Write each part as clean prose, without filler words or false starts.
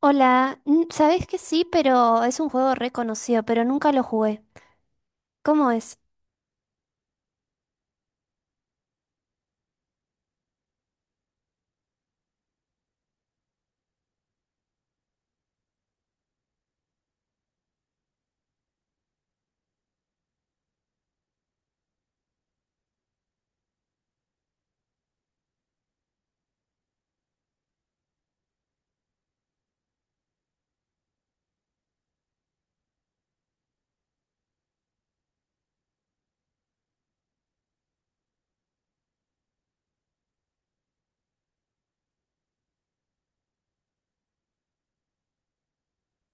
Hola, ¿sabés que sí? Pero es un juego reconocido, pero nunca lo jugué. ¿Cómo es?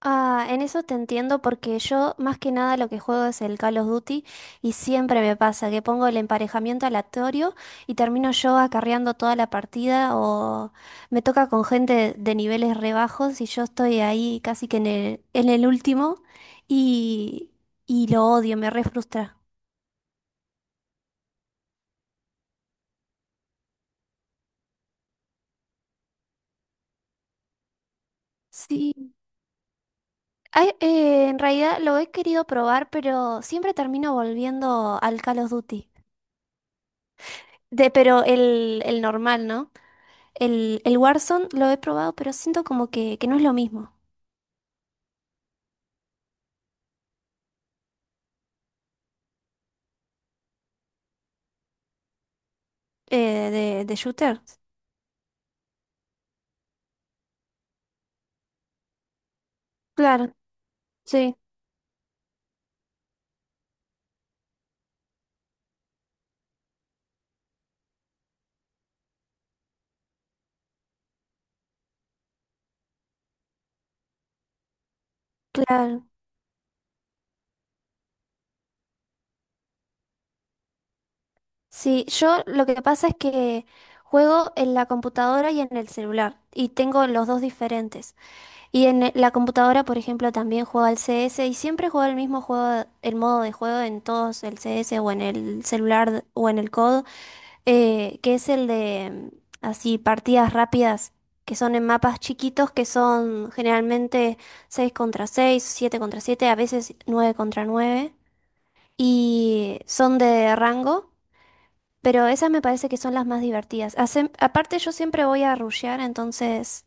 Ah, en eso te entiendo porque yo más que nada lo que juego es el Call of Duty y siempre me pasa que pongo el emparejamiento aleatorio y termino yo acarreando toda la partida o me toca con gente de niveles rebajos y yo estoy ahí casi que en el último y, y lo odio, me re frustra. Sí. Ay, en realidad lo he querido probar, pero siempre termino volviendo al Call of Duty. Pero el normal, ¿no? El Warzone lo he probado, pero siento como que no es lo mismo. De shooter. Claro, sí, claro. Sí, yo lo que pasa es que juego en la computadora y en el celular, y tengo los dos diferentes. Y en la computadora, por ejemplo, también juego al CS y siempre juego el mismo juego, el modo de juego en todos, el CS o en el celular o en el COD, que es el de así partidas rápidas, que son en mapas chiquitos, que son generalmente 6 contra seis, 7 contra siete, a veces 9 contra nueve, y son de rango, pero esas me parece que son las más divertidas. Hacen- aparte yo siempre voy a rushear, entonces...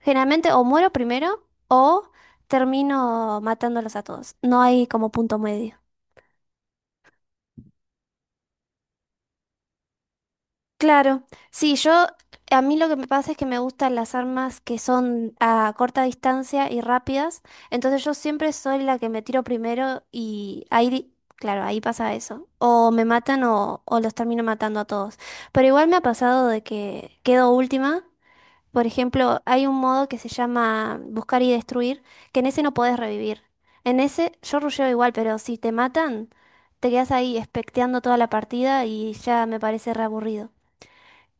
Generalmente o muero primero o termino matándolos a todos. No hay como punto medio. Claro, sí, yo a mí lo que me pasa es que me gustan las armas que son a corta distancia y rápidas, entonces yo siempre soy la que me tiro primero y ahí, di- claro, ahí pasa eso. O me matan o los termino matando a todos. Pero igual me ha pasado de que quedo última. Por ejemplo, hay un modo que se llama buscar y destruir, que en ese no podés revivir. En ese yo rusheo igual, pero si te matan, te quedas ahí especteando toda la partida y ya me parece reaburrido.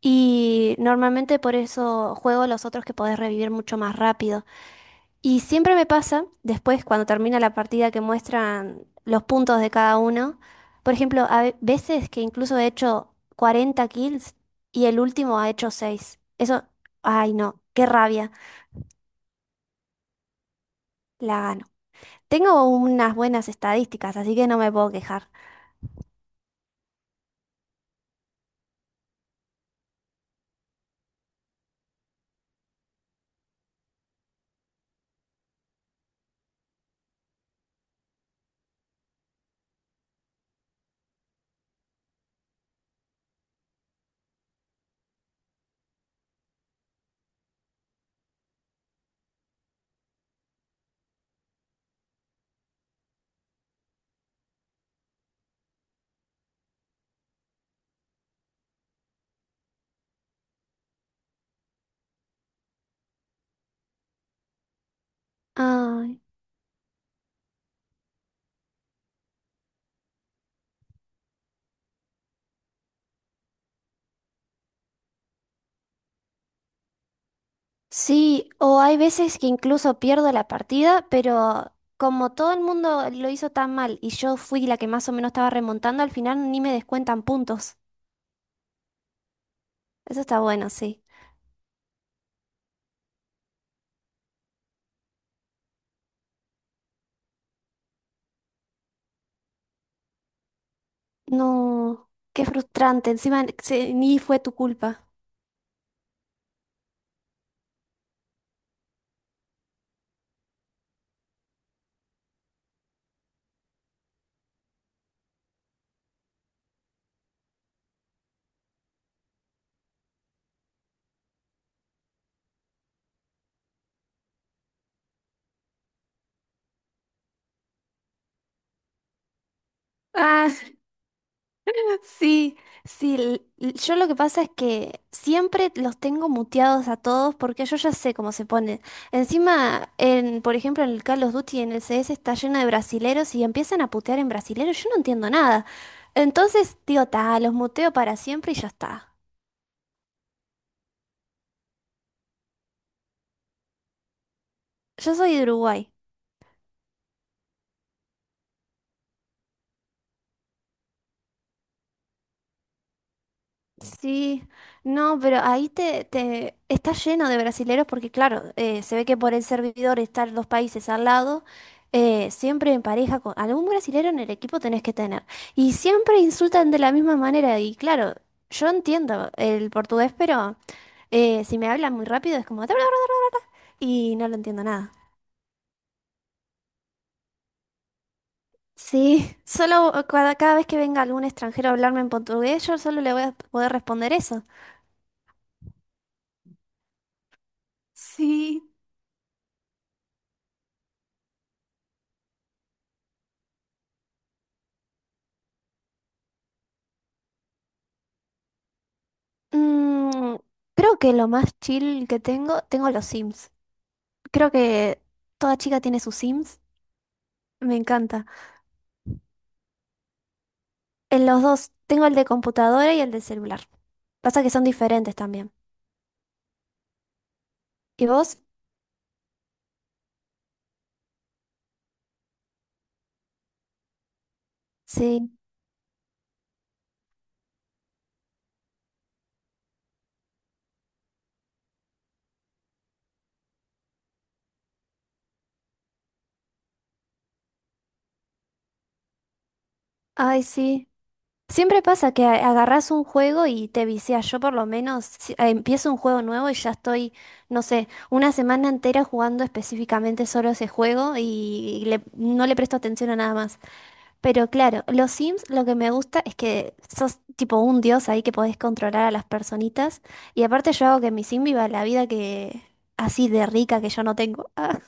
Y normalmente por eso juego los otros que podés revivir mucho más rápido. Y siempre me pasa, después cuando termina la partida que muestran los puntos de cada uno, por ejemplo, a veces que incluso he hecho 40 kills y el último ha hecho 6. Eso, ay no, qué rabia. La gano. Tengo unas buenas estadísticas, así que no me puedo quejar. Ay, sí, o hay veces que incluso pierdo la partida, pero como todo el mundo lo hizo tan mal y yo fui la que más o menos estaba remontando, al final ni me descuentan puntos. Eso está bueno, sí. No, qué frustrante. Encima ni fue tu culpa. Ah. Sí, sí, yo lo que pasa es que siempre los tengo muteados a todos porque yo ya sé cómo se ponen. Encima, en, por ejemplo, en el Call of Duty, en el CS está lleno de brasileros y empiezan a putear en brasileros, yo no entiendo nada. Entonces digo, ta, los muteo para siempre y ya está. Yo soy de Uruguay. Sí, no, pero ahí te, te está lleno de brasileros porque claro, se ve que por el servidor estar los países al lado, siempre en pareja con algún brasilero en el equipo tenés que tener. Y siempre insultan de la misma manera y claro, yo entiendo el portugués, pero si me hablan muy rápido es como... Y no lo entiendo nada. Sí, solo cada vez que venga algún extranjero a hablarme en portugués, yo solo le voy a poder responder eso. Sí. Mm, Creo que lo más chill que tengo, tengo los Sims. Creo que toda chica tiene sus Sims. Me encanta. En los dos, tengo el de computadora y el de celular. Pasa que son diferentes también. ¿Y vos? Sí. Ay, sí. Siempre pasa que agarrás un juego y te viciás. Yo por lo menos empiezo un juego nuevo y ya estoy, no sé, una semana entera jugando específicamente solo ese juego y no le presto atención a nada más. Pero claro, los Sims lo que me gusta es que sos tipo un dios ahí que podés controlar a las personitas. Y aparte yo hago que mi Sim viva la vida que así de rica que yo no tengo. Ah,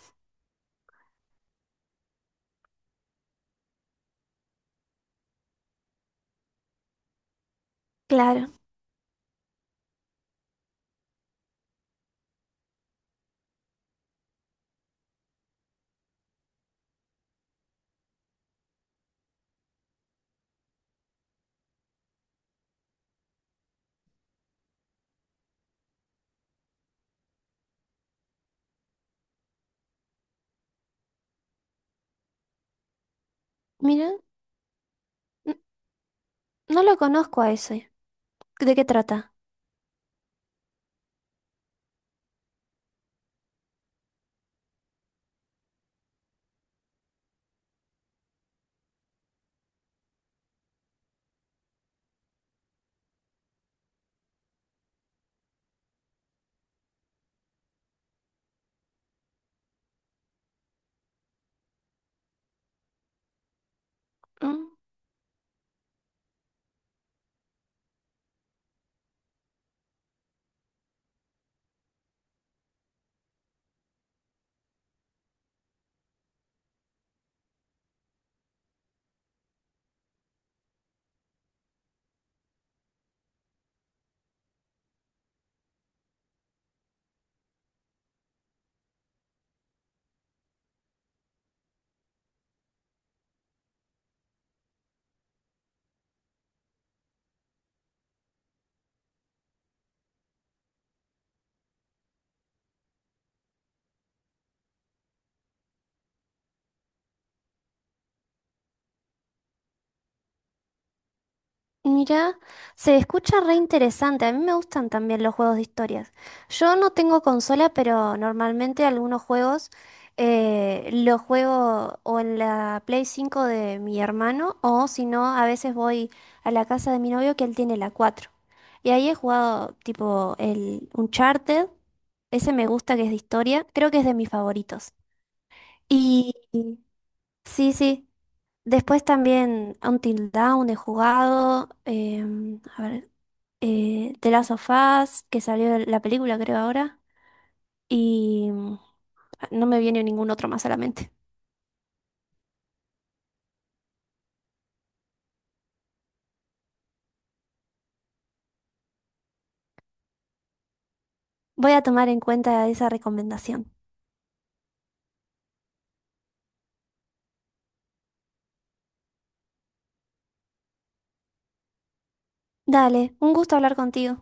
claro. Mira, n- no lo conozco a ese. ¿De qué trata? Mm. Mira, se escucha re interesante. A mí me gustan también los juegos de historias. Yo no tengo consola, pero normalmente algunos juegos los juego o en la Play 5 de mi hermano, o si no, a veces voy a la casa de mi novio que él tiene la cuatro. Y ahí he jugado tipo el Uncharted. Ese me gusta que es de historia. Creo que es de mis favoritos. Y y- sí, sí. Después también Until Dawn he jugado. A ver, The Last of Us, que salió la película, creo, ahora. Y no me viene ningún otro más a la mente. Voy a tomar en cuenta esa recomendación. Dale, un gusto hablar contigo.